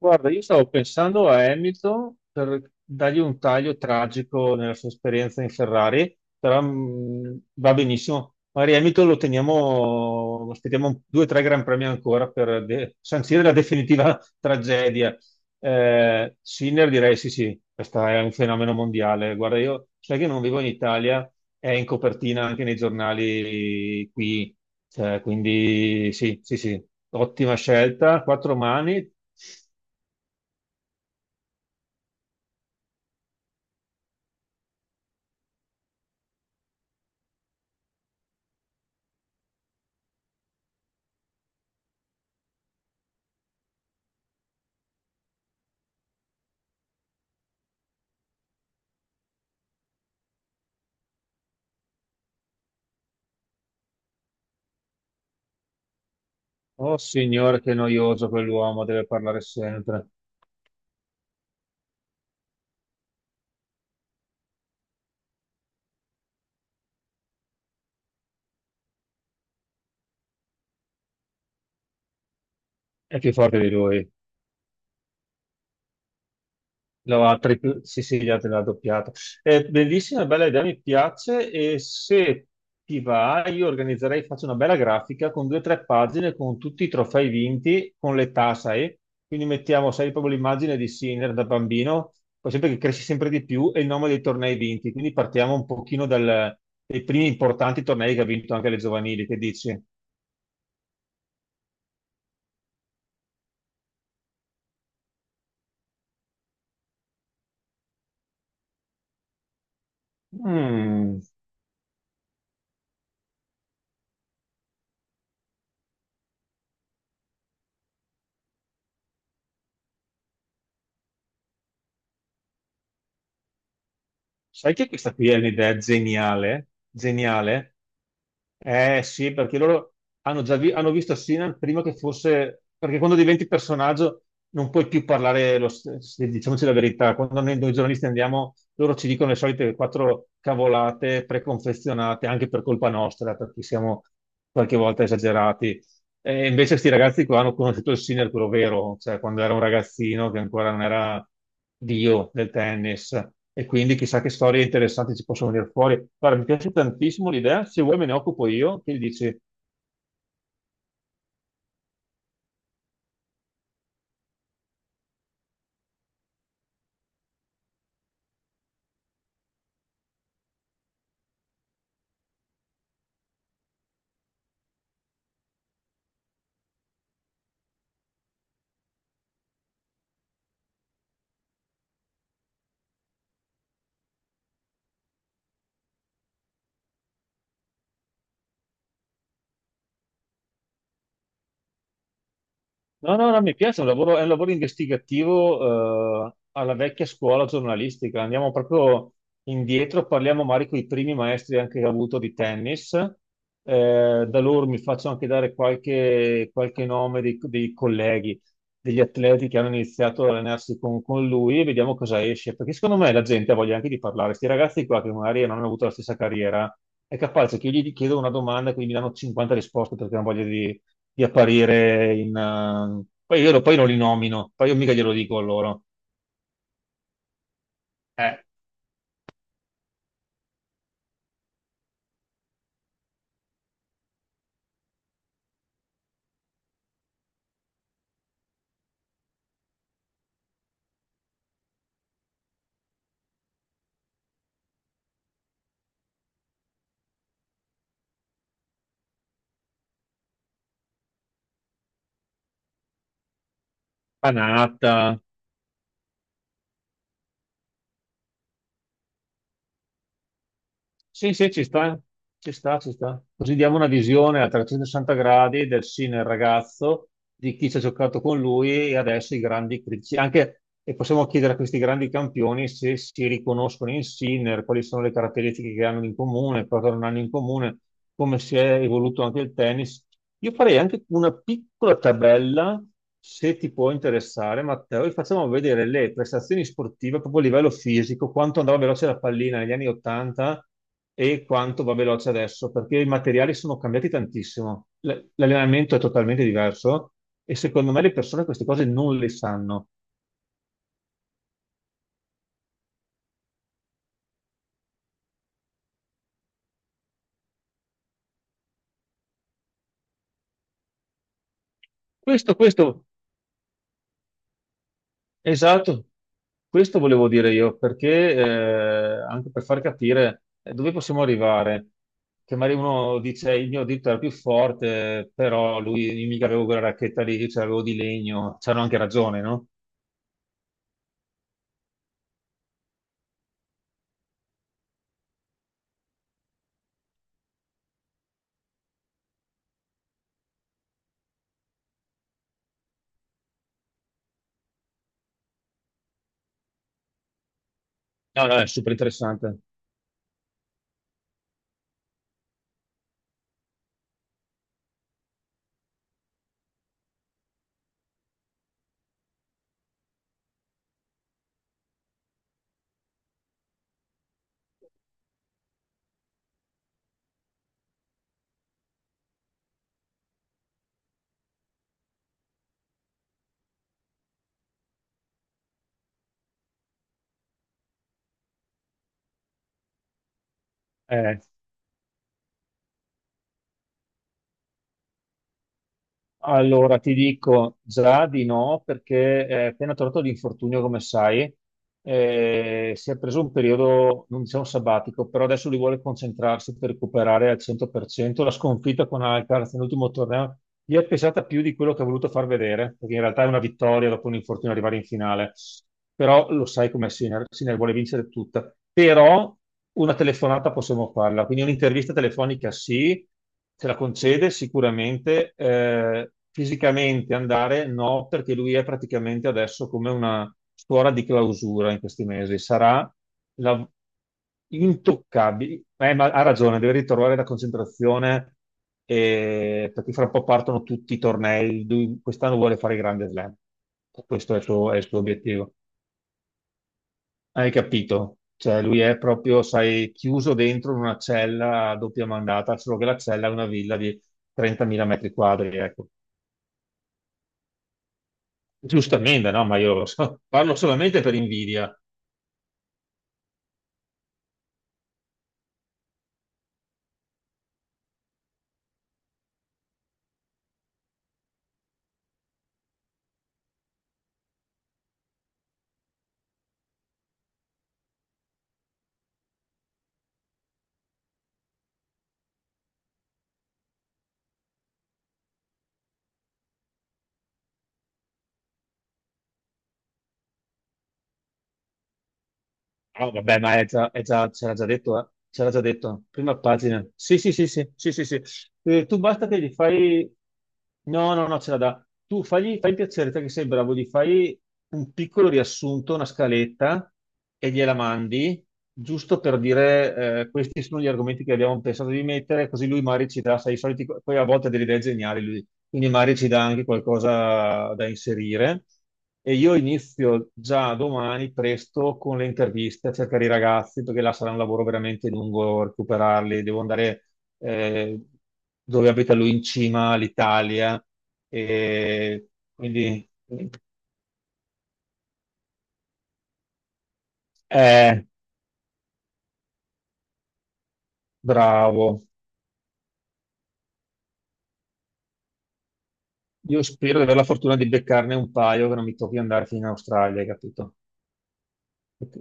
Guarda, io stavo pensando a Hamilton per dargli un taglio tragico nella sua esperienza in Ferrari, però va benissimo. Magari Hamilton lo teniamo, aspettiamo due o tre Gran Premi ancora per sancire la definitiva tragedia. Sinner direi sì, sì, questo è un fenomeno mondiale. Guarda, io sai che non vivo in Italia, è in copertina anche nei giornali qui. Cioè, quindi sì, sì, sì, ottima scelta, quattro mani. Oh signore, che noioso quell'uomo, deve parlare sempre. È più forte di lui. Lo ha sì, sì, gli altri l'ha doppiato. È bellissima, bella idea, mi piace. E se ti va, io organizzerei, faccio una bella grafica con due o tre pagine con tutti i trofei vinti, con l'età, sai? Quindi mettiamo, sai, proprio l'immagine di Sinner da bambino, poi sempre che cresci sempre di più, e il nome dei tornei vinti. Quindi partiamo un pochino dal, dai primi importanti tornei che ha vinto anche le giovanili, che dici? Mm. Sai che questa qui è un'idea geniale, geniale? Eh sì, perché loro hanno visto Sinan prima che fosse, perché quando diventi personaggio non puoi più parlare, lo st- se- diciamoci la verità, quando noi giornalisti andiamo, loro ci dicono le solite quattro cavolate preconfezionate, anche per colpa nostra, perché siamo qualche volta esagerati. E invece sti ragazzi qua hanno conosciuto il sì nel puro vero, cioè quando era un ragazzino che ancora non era dio del tennis. E quindi chissà che storie interessanti ci possono venire fuori. Guarda, mi piace tantissimo l'idea, se vuoi me ne occupo io, che gli dici? No, no, no, mi piace, è un lavoro investigativo, alla vecchia scuola giornalistica. Andiamo proprio indietro, parliamo magari con i primi maestri anche che ho avuto di tennis. Da loro mi faccio anche dare qualche nome dei colleghi, degli atleti che hanno iniziato ad allenarsi con lui e vediamo cosa esce. Perché secondo me la gente ha voglia anche di parlare. Questi ragazzi qua che magari non hanno avuto la stessa carriera, è capace che io gli chiedo una domanda e quindi mi danno 50 risposte perché hanno voglia di apparire in... poi poi non li nomino, poi io mica glielo dico a loro. Eh, Panatta, sì, sì, ci sta, ci sta, ci sta. Così diamo una visione a 360 gradi del sì nel ragazzo, di chi ci ha giocato con lui e adesso i grandi critici. Anche, e possiamo chiedere a questi grandi campioni se si riconoscono in Sinner, quali sono le caratteristiche che hanno in comune, cosa non hanno in comune, come si è evoluto anche il tennis. Io farei anche una piccola tabella, se ti può interessare, Matteo, e facciamo vedere le prestazioni sportive proprio a livello fisico, quanto andava veloce la pallina negli anni 80 e quanto va veloce adesso, perché i materiali sono cambiati tantissimo. L'allenamento è totalmente diverso e secondo me le persone queste cose non le sanno. Questo, esatto, questo volevo dire io, perché anche per far capire dove possiamo arrivare, che magari uno dice il mio dito era più forte, però lui io mica avevo quella racchetta lì, ce l'avevo di legno, c'hanno anche ragione, no? No, no, è super interessante. Allora, ti dico già di no, perché è appena tornato l'infortunio, come sai, si è preso un periodo, non diciamo sabbatico, però adesso lui vuole concentrarsi per recuperare al 100%. La sconfitta con Alcaraz nell'ultimo torneo gli è pesata più di quello che ha voluto far vedere, perché in realtà è una vittoria dopo un infortunio arrivare in finale. Però lo sai com'è Sinner, Sinner vuole vincere tutta. Però una telefonata possiamo farla, quindi un'intervista telefonica sì, ce la concede sicuramente. Fisicamente andare no, perché lui è praticamente adesso come una suora di clausura in questi mesi. La... Intoccabile. Ma ha ragione, deve ritrovare la concentrazione, perché fra un po' partono tutti i tornei. Lui quest'anno vuole fare il grande slam. Questo è il suo obiettivo. Hai capito? Cioè, lui è proprio, sai, chiuso dentro in una cella a doppia mandata, solo che la cella è una villa di 30.000 metri quadri, ecco. Giustamente, no? Ma io lo so. Parlo solamente per invidia. Ah, vabbè, ma è già, ce l'ha già detto, eh. Ce l'ha già detto, prima pagina. Sì, sì, sì, sì, sì, sì, sì. Tu basta che gli fai... No, no, no, ce la dà. Tu fagli, fai il piacere, te che sei bravo, gli fai un piccolo riassunto, una scaletta, e gliela mandi, giusto per dire, questi sono gli argomenti che abbiamo pensato di mettere, così lui magari ci dà, sai, i soliti... Poi a volte ha delle idee geniali, lui quindi magari ci dà anche qualcosa da inserire. E io inizio già domani presto con le interviste a cercare i ragazzi, perché là sarà un lavoro veramente lungo recuperarli. Devo andare eh, dove abita lui in cima all'Italia. E quindi, eh, bravo. Io spero di avere la fortuna di beccarne un paio che non mi tocchi andare fino in Australia, hai capito? Ok.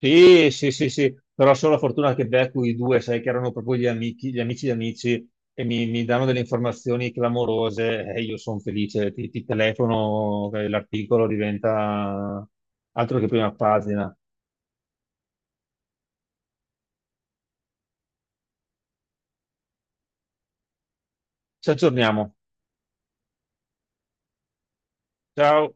Sì, sì, sì, sì, però solo la fortuna che becco i due, sai che erano proprio gli amici di amici e mi danno delle informazioni clamorose e io sono felice, ti telefono, l'articolo diventa altro che prima pagina. Ci aggiorniamo. Ciao.